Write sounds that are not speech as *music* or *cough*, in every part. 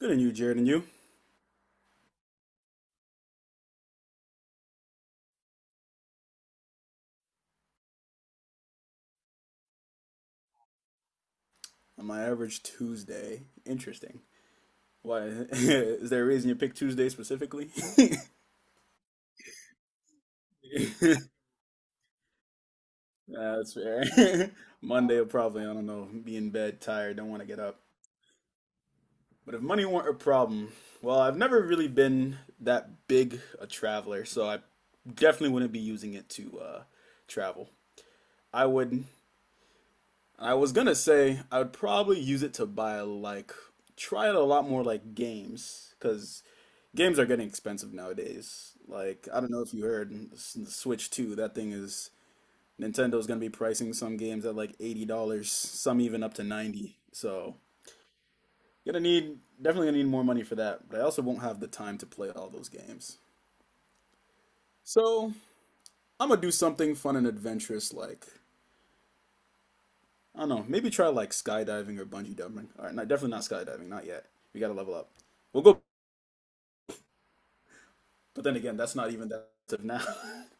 Good on you, Jared, and you. On my average Tuesday, interesting. Why *laughs* is there a reason you picked Tuesday specifically? *laughs* Nah, that's fair. *laughs* Monday will probably, I don't know, be in bed, tired, don't want to get up. But if money weren't a problem, well, I've never really been that big a traveler, so I definitely wouldn't be using it to travel. I would, I was gonna say I would probably use it to buy like, try it a lot more like games, because games are getting expensive nowadays. Like, I don't know if you heard Switch 2, that thing is Nintendo's gonna be pricing some games at like $80, some even up to 90. So, gonna need definitely gonna need more money for that, but I also won't have the time to play all those games. So, I'm gonna do something fun and adventurous like I don't know, maybe try like skydiving or bungee jumping. All right, not, definitely not skydiving, not yet. We gotta level up. We'll go, but then again, that's not even that expensive now. *laughs*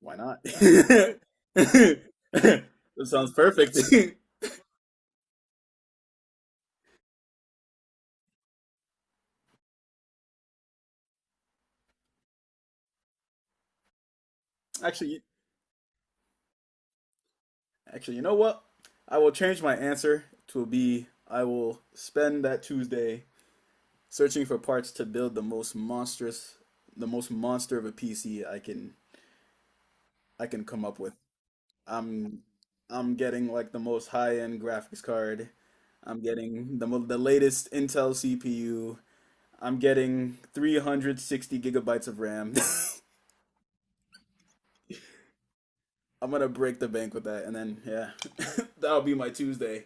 Why not? *laughs* That sounds perfect. *laughs* actually, Actually, you know what? I will change my answer to be I will spend that Tuesday searching for parts to build the most monstrous, the most monster of a PC I can come up with. I'm I'm getting like the most high-end graphics card. I'm getting the the latest Intel CPU. I'm getting 360 gigabytes of RAM. *laughs* I'm gonna break the bank with that, and then yeah, *laughs* that'll be my Tuesday.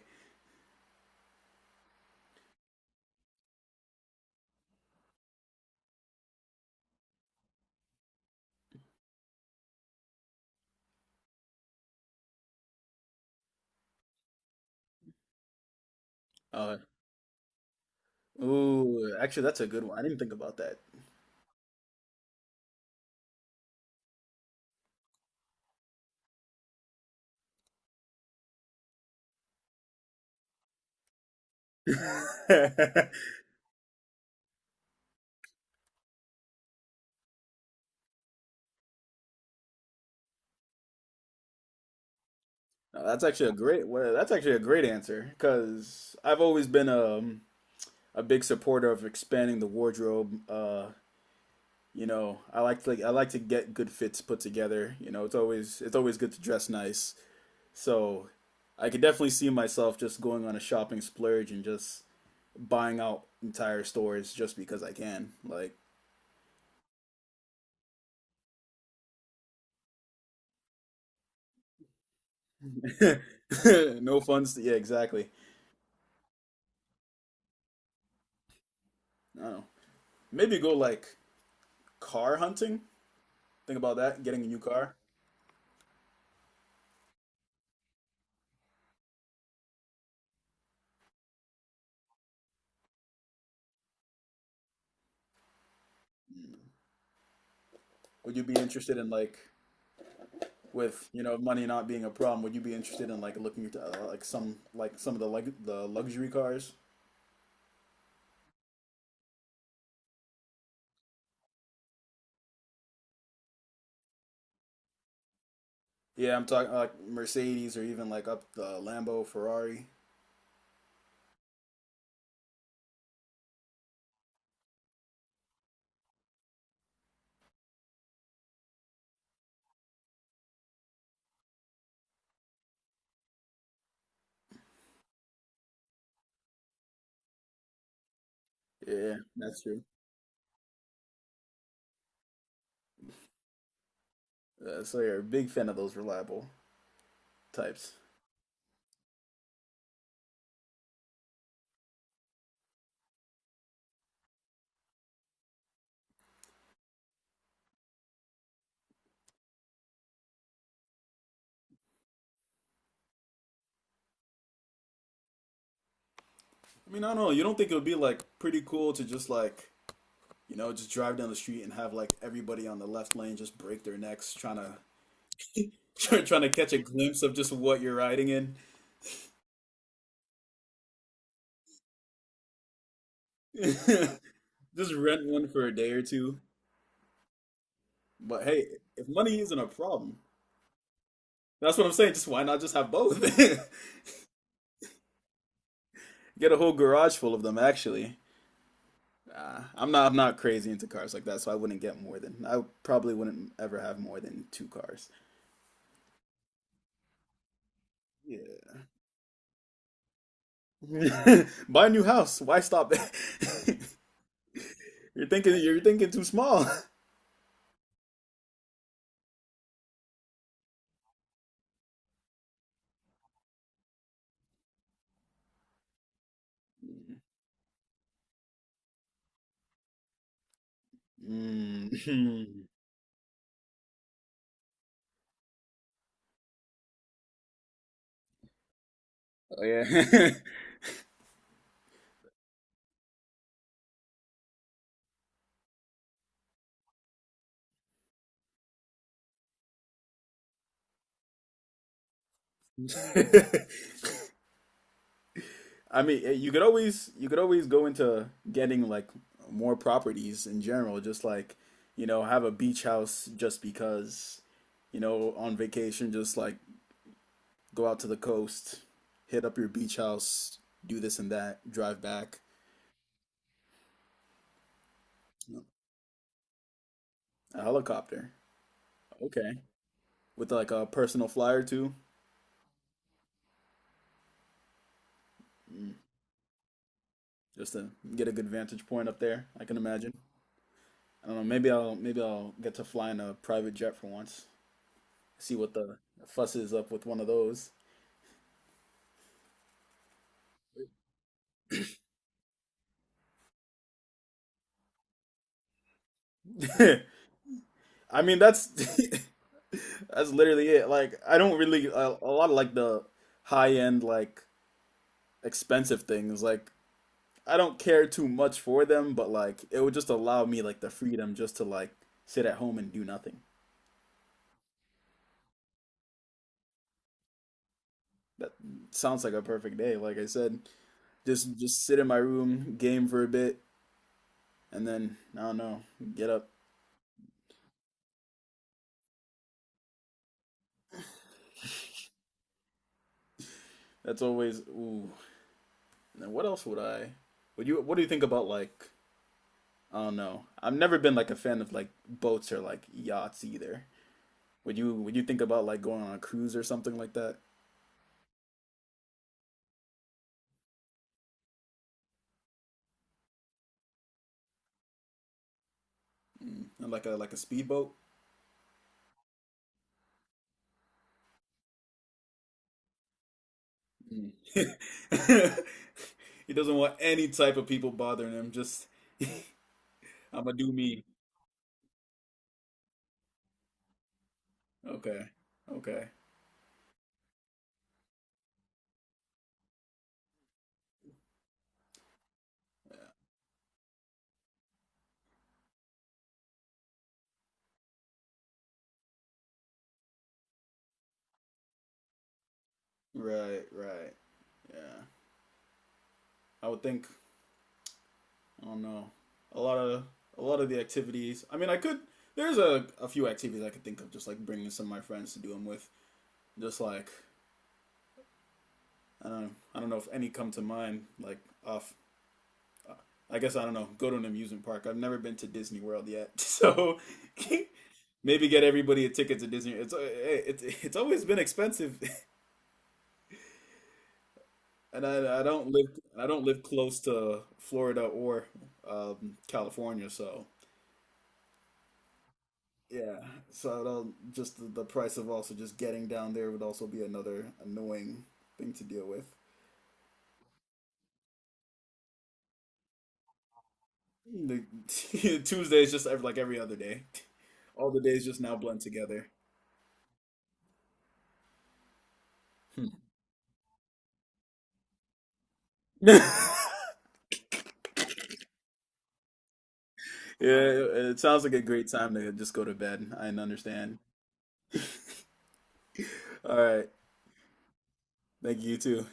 Uh, Actually, that's a good one. I didn't think about that. *laughs* No, that's actually a great. Well, that's actually a great answer because I've always been a big supporter of expanding the wardrobe. I like to get good fits put together. You know, it's always good to dress nice. So I could definitely see myself just going on a shopping splurge and just buying out entire stores just because I can. Like *laughs* no fun. Yeah, exactly. No. Maybe go like car hunting. Think about that. Getting a new car. Would you be interested in like with you know money not being a problem? Would you be interested in like looking at like some of the like the luxury cars? Yeah, I'm talking like Mercedes or even like up the Lambo, Ferrari. Yeah, that's true. So you're a big fan of those reliable types. I mean, I don't know. You don't think it would be like pretty cool to just like you know, just drive down the street and have like everybody on the left lane just break their necks trying to *laughs* trying to catch a glimpse of just what you're riding in. *laughs* Just rent one for a day or two. But hey, if money isn't a problem, that's what I'm saying. Just why not just have both? *laughs* Get a whole garage full of them. Actually, I'm not crazy into cars like that, so I wouldn't get more than I probably wouldn't ever have more than two cars. Yeah, *laughs* buy a new house. Why stop? *laughs* You're thinking too small. *laughs* Mm. *laughs* Oh yeah. *laughs* I mean, eh, you could always go into getting like more properties in general, just like, you know, have a beach house just because, you know, on vacation, just like go out to the coast, hit up your beach house, do this and that, drive back. A helicopter. Okay. With like a personal flyer too, just to get a good vantage point up there, I can imagine. I don't know. Maybe I'll get to fly in a private jet for once. See what the fuss is up with one of those. *laughs* I mean, that's *laughs* that's literally it. Like, I don't really a lot of like the high end like expensive things. Like, I don't care too much for them, but like it would just allow me like the freedom just to like sit at home and do nothing. That sounds like a perfect day. Like I said, just sit in my room, game for a bit, and then I don't know, get up. That's always ooh, and then what else would I? Would you? What do you think about like? I don't know. I've never been like a fan of like boats or like yachts either. Would you? Would you think about like going on a cruise or something like that? Mm. And like a speedboat. Mm. *laughs* He doesn't want any type of people bothering him. Just *laughs* I'm gonna do me. Okay. Okay. Right. Right. Yeah. I would think. I don't know. A lot of a lot of the activities. I mean, I could. There's a few activities I could think of, just like bringing some of my friends to do them with. Just like I don't know. I don't know if any come to mind. Like off. I guess I don't know. Go to an amusement park. I've never been to Disney World yet, *laughs* so *laughs* maybe get everybody a ticket to Disney. It's it's always been expensive, *laughs* and I don't live close to Florida or California, so yeah, so it'll just the price of also just getting down there would also be another annoying thing to deal with. The *laughs* Tuesday is just like every other day. All the days just now blend together. Hmm. *laughs* Yeah, it, it sounds like a great time to just go to bed. I understand. All right, thank you too.